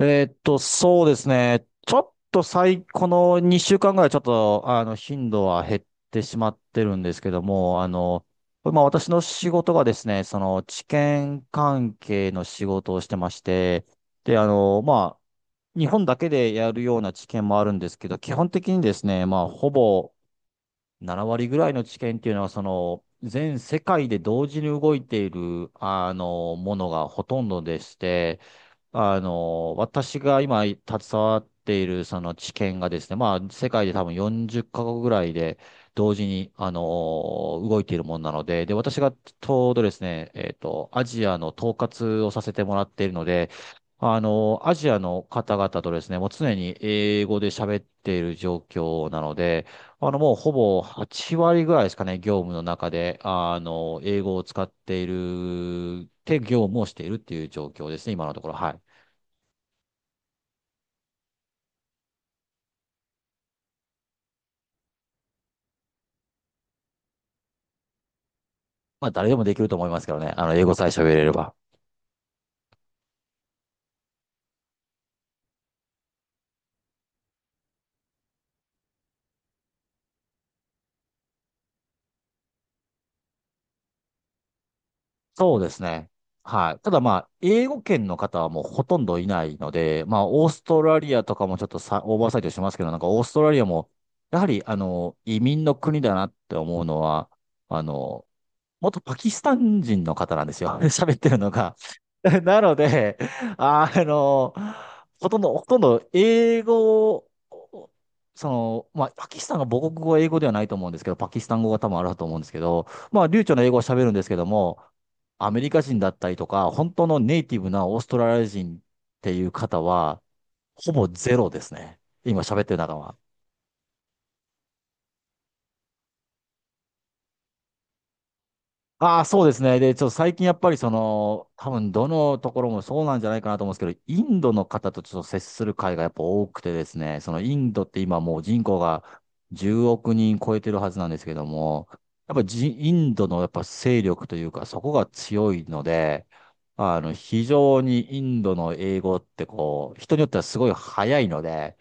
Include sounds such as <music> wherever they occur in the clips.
そうですね。ちょっと最、この2週間ぐらいちょっと、あの、頻度は減ってしまってるんですけども、まあ私の仕事がですね、治験関係の仕事をしてまして、で、まあ、日本だけでやるような治験もあるんですけど、基本的にですね、まあ、ほぼ7割ぐらいの治験っていうのは、全世界で同時に動いている、ものがほとんどでして、私が今携わっているその知見がですね、まあ世界で多分40カ国ぐらいで同時に、動いているものなので、で、私がちょうどですね、アジアの統括をさせてもらっているので、アジアの方々とですね、もう常に英語で喋っている状況なので、もうほぼ8割ぐらいですかね、業務の中で、英語を使っている、て業務をしているっていう状況ですね、今のところ。はい。まあ、誰でもできると思いますけどね。英語さえ喋れれば。そうですね。はい。ただまあ、英語圏の方はもうほとんどいないので、まあ、オーストラリアとかもちょっとさ、オーバーサイトしますけど、なんかオーストラリアも、やはり、移民の国だなって思うのは、あの、元パキスタン人の方なんですよ。<laughs> 喋ってるのが。<laughs> なので、あの、ほとんど英語を、まあ、パキスタンが母国語は英語ではないと思うんですけど、パキスタン語が多分あると思うんですけど、まあ、流暢な英語を喋るんですけども、アメリカ人だったりとか、本当のネイティブなオーストラリア人っていう方は、ほぼゼロですね。今喋ってる中は。ああ、そうですね。で、ちょっと最近やっぱりその、多分どのところもそうなんじゃないかなと思うんですけど、インドの方とちょっと接する会がやっぱ多くてですね、そのインドって今もう人口が10億人超えてるはずなんですけども、やっぱじ、インドのやっぱ勢力というか、そこが強いので、非常にインドの英語ってこう、人によってはすごい早いので、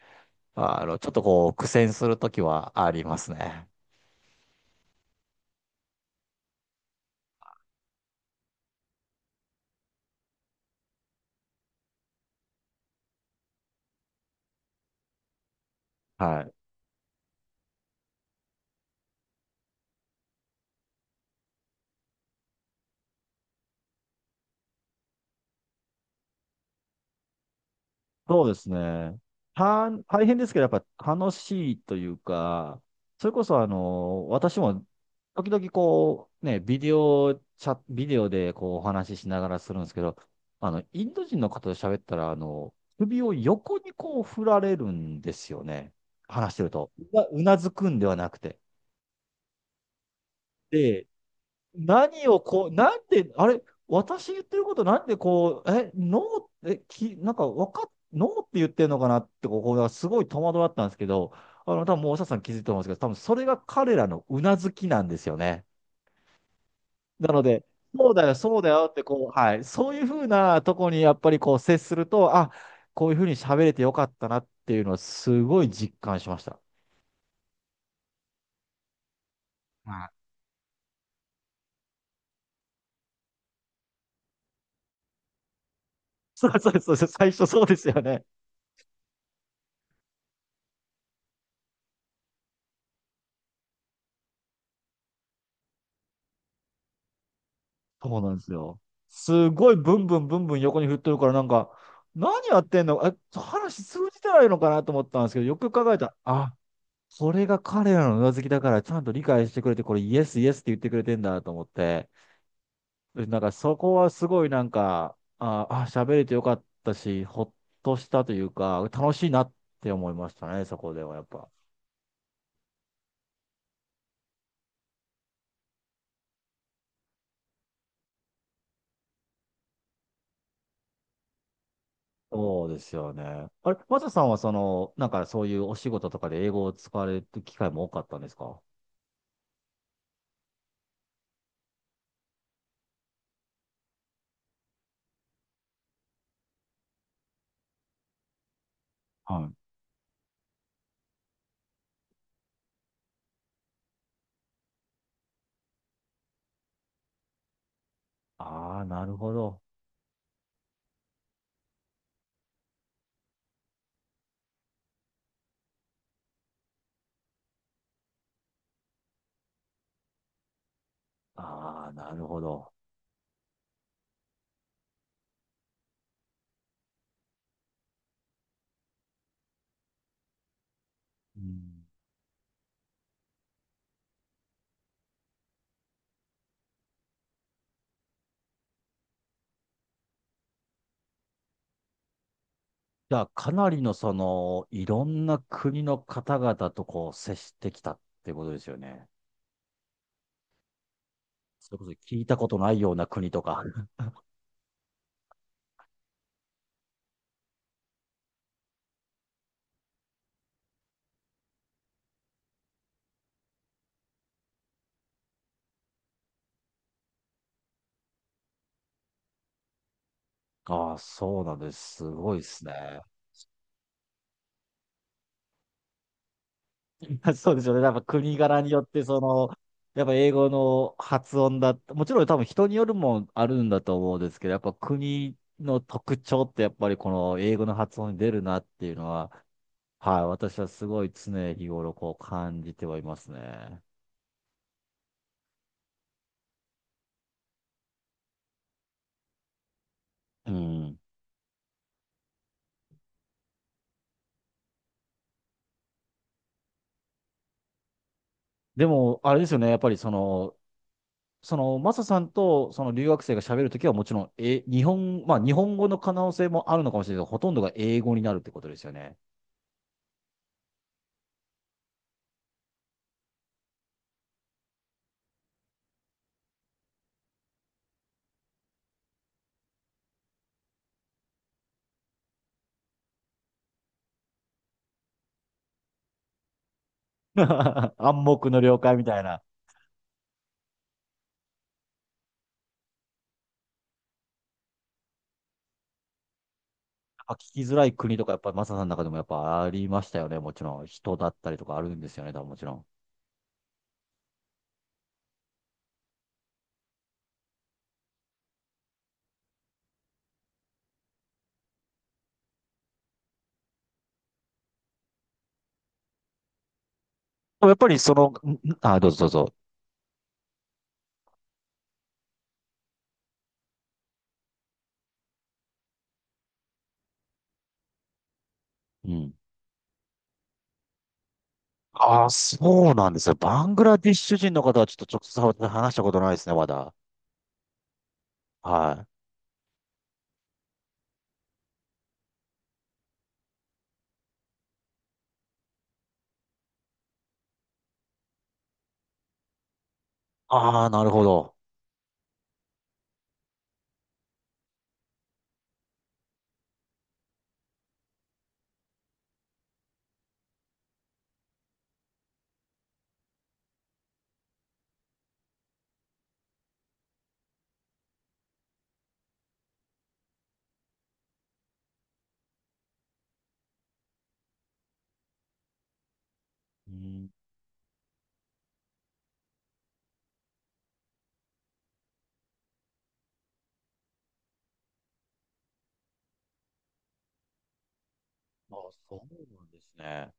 ちょっとこう、苦戦するときはありますね。はい。そうですね。大変ですけど、やっぱ楽しいというか、それこそあの、私も時々こう、ね、ビデオでこうお話ししながらするんですけど、インド人の方と喋ったら、首を横にこう振られるんですよね。話してると。うなずくんではなくて。で、何をこう、なんで、あれ、私言ってることなんでこう、え、ノーって、なんかわかっ、ノーって言ってるのかなって、ここがすごい戸惑ったんですけど、多分もうおしゃさん気づいてると思うんですけど、多分それが彼らのうなずきなんですよね。なので、そうだよ、そうだよって、こう、はい、そういうふうなとこにやっぱりこう接すると、あ、こういうふうに喋れてよかったなっていうのはすごい実感しました。はい。 <laughs> そうそうそう、最初そうですよね。そうなんですよ。すごいブンブンブンブン横に振っとるから、なんか、何やってんのえ、話通じてないのかなと思ったんですけど、よく考えたら、あ、それが彼らのうなずきだから、ちゃんと理解してくれて、これイエスイエスって言ってくれてんだと思って、でなんかそこはすごいなんか、ああ、喋れてよかったし、ほっとしたというか、楽しいなって思いましたね、そこではやっぱ。そうですよね。あれ、マサさんはその、なんかそういうお仕事とかで英語を使われる機会も多かったんですか？はい。ああ、なるほど。ああ、なるほど。うん、じゃあ、かなりのその、いろんな国の方々とこう接してきたってことですよね。それこそ聞いたことないような国とか。<laughs> ああ、そうなんです。すごいですね。<laughs> そうですよね。やっぱ国柄によって、その、やっぱ英語の発音だ、もちろん多分人によるもんあるんだと思うんですけど、やっぱ国の特徴ってやっぱりこの英語の発音に出るなっていうのは、はい、私はすごい常日頃こう感じてはいますね。うん。でも、あれですよね、やっぱりその、その、マサさんとその留学生が喋るときはもちろん、え、日本、まあ日本語の可能性もあるのかもしれないけど、ほとんどが英語になるってことですよね。<laughs> 暗黙の了解みたいな。あ聞きづらい国とか、やっぱりマサさんの中でもやっぱありましたよね。もちろん、人だったりとかあるんですよね、多分もちろん。でもやっぱりその、ん、あ、どうぞどうぞ。うん。ああ、そうなんですよ。バングラディッシュ人の方はちょっと直接話したことないですね、まだ。はい。ああ、なるほど。うん。あ、そうなんですね。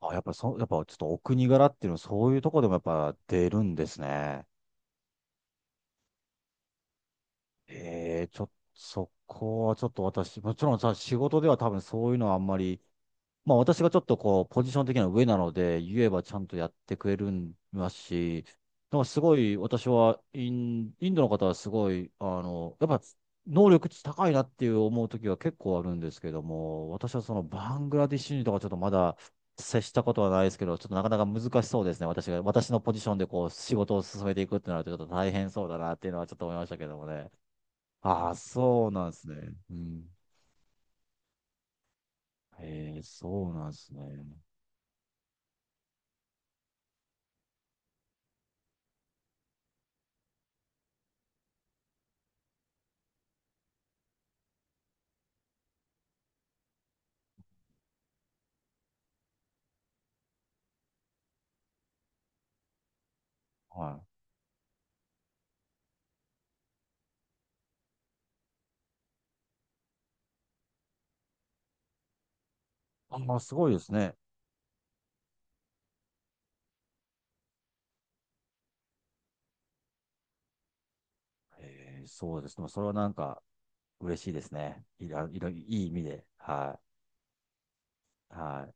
あ、やっぱちょっとお国柄っていうのはそういうとこでもやっぱ出るんですね。ええ、ちょっと、そこはちょっと私、もちろんさ、仕事では多分そういうのはあんまり、まあ私がちょっとこう、ポジション的には上なので、言えばちゃんとやってくれるんますし、なんかすごい私はインドの方はすごい、あの、やっぱ能力値高いなっていう思う時は結構あるんですけども、私はそのバングラディッシュ人とかちょっとまだ接したことはないですけど、ちょっとなかなか難しそうですね。私が、私のポジションでこう、仕事を進めていくってなるとちょっと大変そうだなっていうのはちょっと思いましたけどもね。ああ、そうなんですね。うん。ええ、そうなんですね。はい。あ、まあ、すごいですね。えー、そうですね。それはなんか嬉しいですね。いい意味で。はい。はい。